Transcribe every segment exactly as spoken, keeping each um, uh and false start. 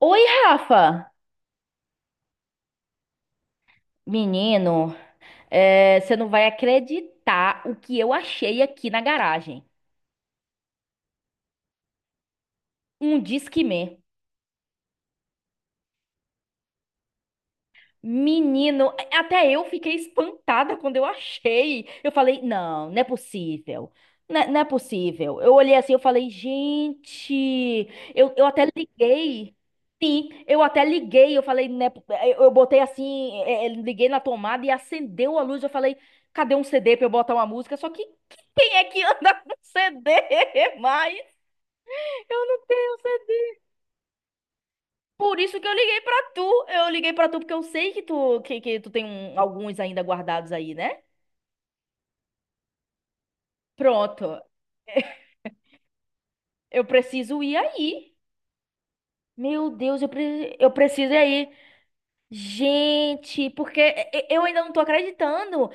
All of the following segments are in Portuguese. Oi, Rafa! Menino, é, você não vai acreditar o que eu achei aqui na garagem. Um Discman. Menino, até eu fiquei espantada quando eu achei. Eu falei, não, não é possível. Não é, não é possível. Eu olhei assim, eu falei, gente, eu, eu até liguei. Sim, eu até liguei, eu falei, né, eu eu botei assim, é, é, liguei na tomada e acendeu a luz. Eu falei, cadê um C D pra eu botar uma música? Só que quem é que anda com C D mais? Eu não tenho, por isso que eu liguei pra tu. Eu liguei pra tu porque eu sei que tu que, que tu tem um- alguns ainda guardados aí, né? Pronto. Eu preciso ir aí. Meu Deus, eu, pre- eu preciso ir aí. Gente, porque e- eu ainda não tô acreditando.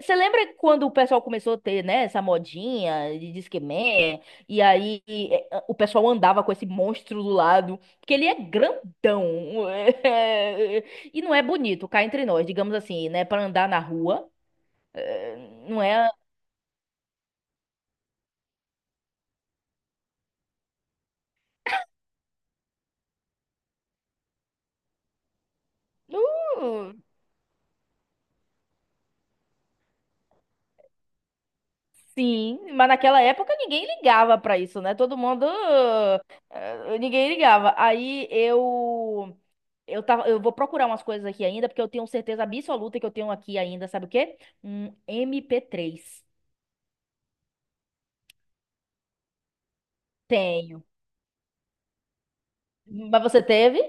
Você lembra quando o pessoal começou a ter, né, essa modinha de Disque Man? E aí eh, o pessoal andava com esse monstro do lado, porque ele é grandão. E não é bonito, cá entre nós, digamos assim, né, pra andar na rua. Eh, Não é? Não, sim, mas naquela época ninguém ligava pra isso, né? Todo mundo, eh, ninguém ligava. Aí eu eu tava, eu vou procurar umas coisas aqui ainda, porque eu tenho certeza absoluta que eu tenho aqui ainda, sabe o quê? Um mp três. Tenho. Mas você teve?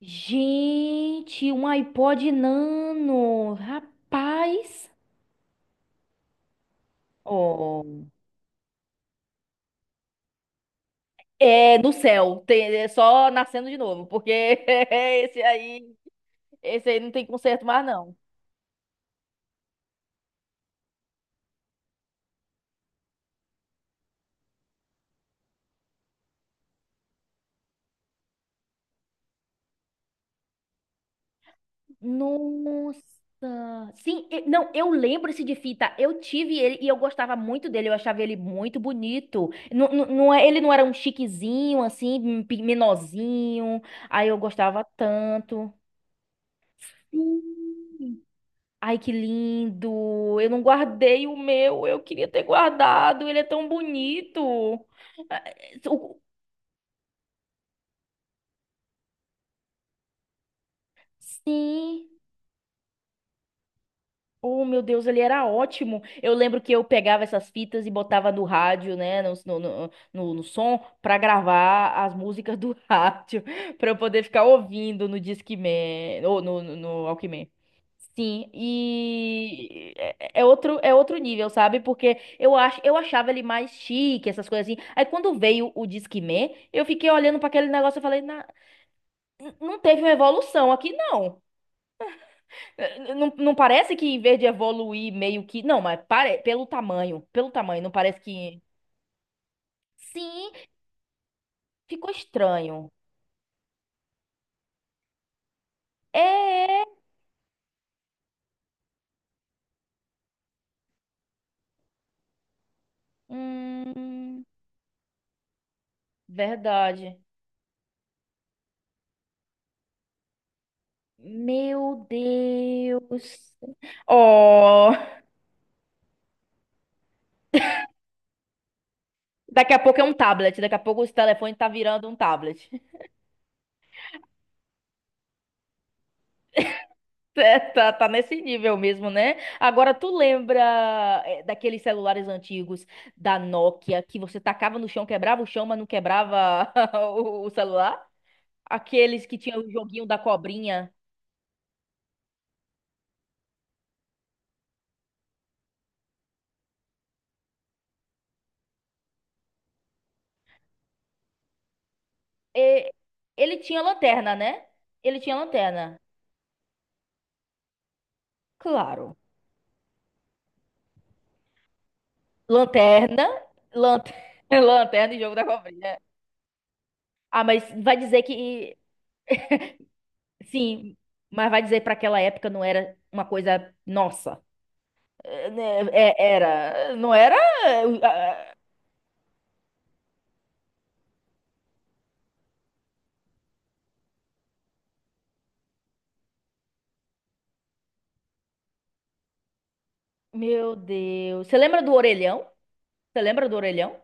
Gente, um iPod Nano, rapaz. Oh. É, no céu, tem, é só nascendo de novo, porque esse aí. Esse aí não tem conserto mais, não. Nossa! Sim, e- não, eu lembro esse de fita. Eu tive ele e eu gostava muito dele. Eu achava ele muito bonito. Não, não, não é- ele não era um chiquezinho, assim, um pe- menorzinho. Aí eu gostava tanto. Sim. Ai, que lindo! Eu não guardei o meu. Eu queria ter guardado. Ele é tão bonito. Ah, o- sim. Oh, meu Deus, ele era ótimo. Eu lembro que eu pegava essas fitas e botava no rádio, né, no, no, no, no- no som, pra gravar as músicas do rádio, pra eu poder ficar ouvindo no Discman, ou no, no, no Walkman. Sim, e é é outro, é outro nível, sabe? Porque eu acho, eu achava ele mais chique, essas coisas assim. Aí quando veio o Discman, eu fiquei olhando pra aquele negócio e falei, "Na- não teve uma evolução aqui, não." Eh, Não, não parece que em vez de evoluir meio que. Não, mas pare... pelo tamanho. Pelo tamanho, não parece que. Sim, ficou estranho. É. Hum, verdade. Meu Deus. Oh, daqui a pouco é um tablet. Daqui a pouco os telefones tá virando um tablet. É, tá, tá nesse nível mesmo, né? Agora tu lembra eh, daqueles celulares antigos da Nokia que você tacava no chão, quebrava o chão, mas não quebrava o o celular? Aqueles que tinham o joguinho da cobrinha. E- Ele tinha lanterna, né? Ele tinha lanterna. Claro. Lanterna, lanterna, lanterna e jogo da cobrinha. Ah, mas vai dizer que sim, mas vai dizer para aquela época não era uma coisa nossa. É, né, é, era, não era? É, ah, meu Deus. Você lembra do orelhão? Você lembra do orelhão?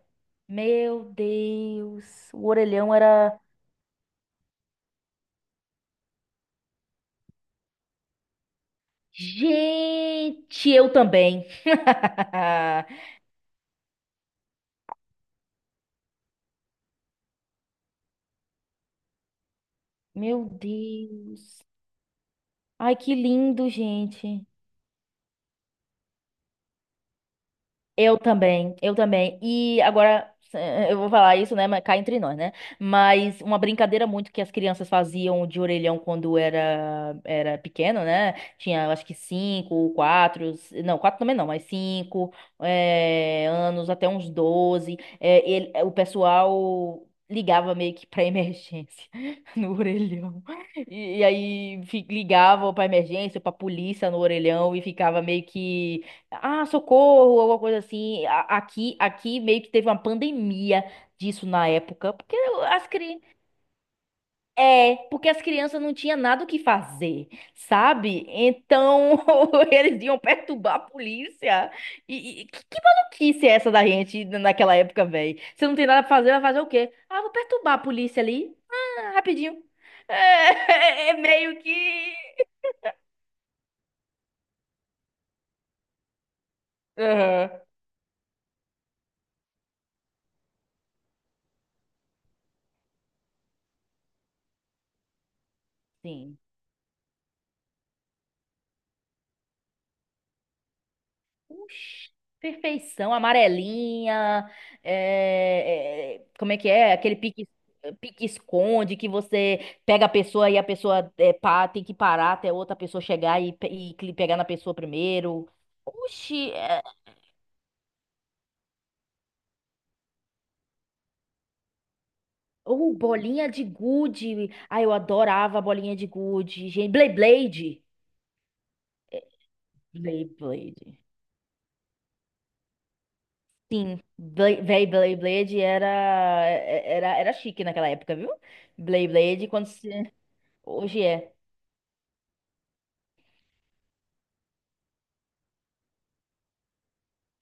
Meu Deus, o orelhão era... Gente, eu também. Meu Deus. Ai, que lindo, gente. Eu também, eu também. E agora eh, eu vou falar isso, né? Mas cá entre nós, né? Mas uma brincadeira muito que as crianças faziam de orelhão quando era era pequeno, né? Tinha, eu acho que cinco, quatro, s- não, quatro também não, mas cinco eh, anos até uns doze. Eh, ele- eh, o pessoal ligava meio que para emergência no orelhão. E, e aí fi- ligava para emergência, para polícia no orelhão e ficava meio que ah, socorro, alguma coisa assim. A- Aqui, aqui meio que teve uma pandemia disso na época, porque as cri... é, porque as crianças não tinham nada o que fazer, sabe? Então eles iam perturbar a polícia. E, e- que, que maluquice é essa da gente naquela época, velho? Você não tem nada pra fazer, vai fazer o quê? Ah, vou perturbar a polícia ali. Ah, rapidinho. É, é meio que. Aham. Sim. Oxi, perfeição, amarelinha, é, é, como é que é? Aquele pique, pique-esconde que você pega a pessoa e a pessoa é, pá, tem que parar até outra pessoa chegar e, pe- e cli- pegar na pessoa primeiro. Oxi, é, ou bolinha de gude. Ai, eu adorava a bolinha de gude. Gente, Beyblade. Beyblade. Sim, Bey- véi, Beyblade era, é, é, era, era chique naquela época, viu? Beyblade, quando se... Hoje é.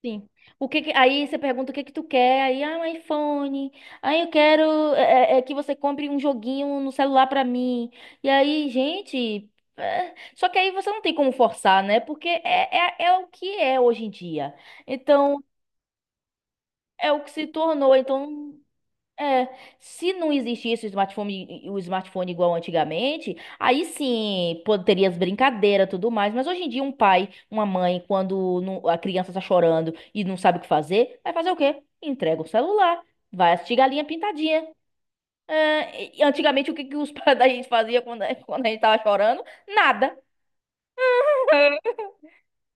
Sim. O que que- aí você pergunta o que que tu quer, aí, ah, um iPhone, aí eu quero é, é, é que você compre um joguinho no celular pra mim. E aí, gente, é, só que aí você não tem como forçar, né? Porque é, é, é o que é hoje em dia. Então, é o que se tornou, então é, se não existisse o smartphone, o smartphone igual antigamente, aí sim pô, teria as brincadeiras, e tudo mais. Mas hoje em dia, um pai, uma mãe, quando não- a criança está chorando e não sabe o que fazer, vai fazer o quê? Entrega o celular, vai assistir Galinha Pintadinha. É, e antigamente, o que, que os pais da gente fazia quando, a- quando a gente tava chorando? Nada.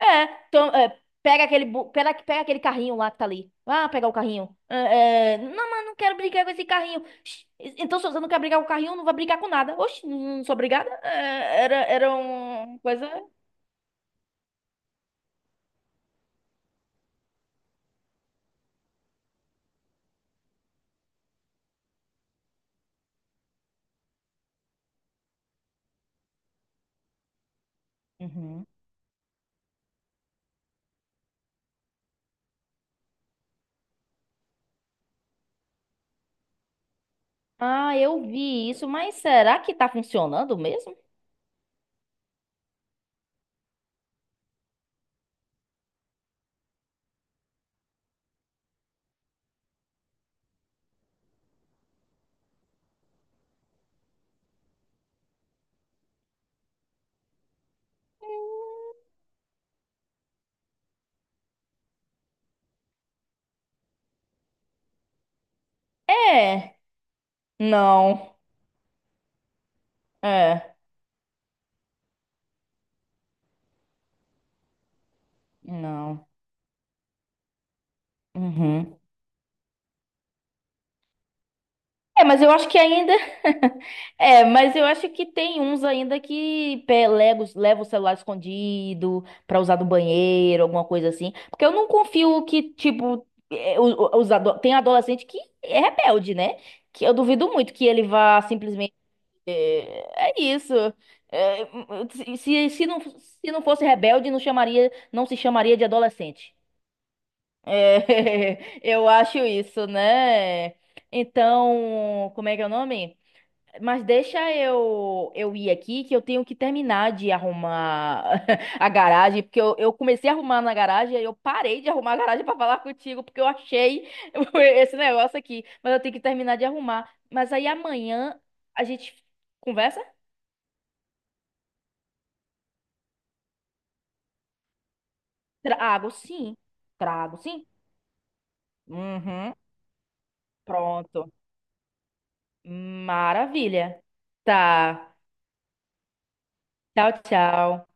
É, então, é, pega aquele, bu- pega, pega aquele carrinho lá que tá ali. Ah, pegar o carrinho. É, é, não, mas não quero brigar com esse carrinho. Shh, então, se você não quer brigar com o carrinho, não vai brigar com nada. Oxe, não sou obrigada. É, era, era uma coisa. Uhum. Ah, eu vi isso, mas será que tá funcionando mesmo? É. Não. É. Não. Uhum. É, mas eu acho que ainda. É, mas eu acho que tem uns ainda que pe- leva os- leva o celular escondido pra usar no banheiro, alguma coisa assim. Porque eu não confio que, tipo, é, o- o- os ado- tem adolescente que é rebelde, né? Que eu duvido muito que ele vá simplesmente. É, é isso. É, se, se, se não, se não fosse rebelde, não chamaria, não se chamaria de adolescente. É, eu acho isso, né? Então, como é que é o nome? Mas deixa eu, eu ir aqui que eu tenho que terminar de arrumar a garagem, porque eu, eu comecei a arrumar na garagem e eu parei de arrumar a garagem para falar contigo, porque eu achei esse negócio aqui, mas eu tenho que terminar de arrumar. Mas aí amanhã a gente conversa? Trago, sim. Trago, sim. Uhum. Pronto. Maravilha. Tá. Tchau, tchau.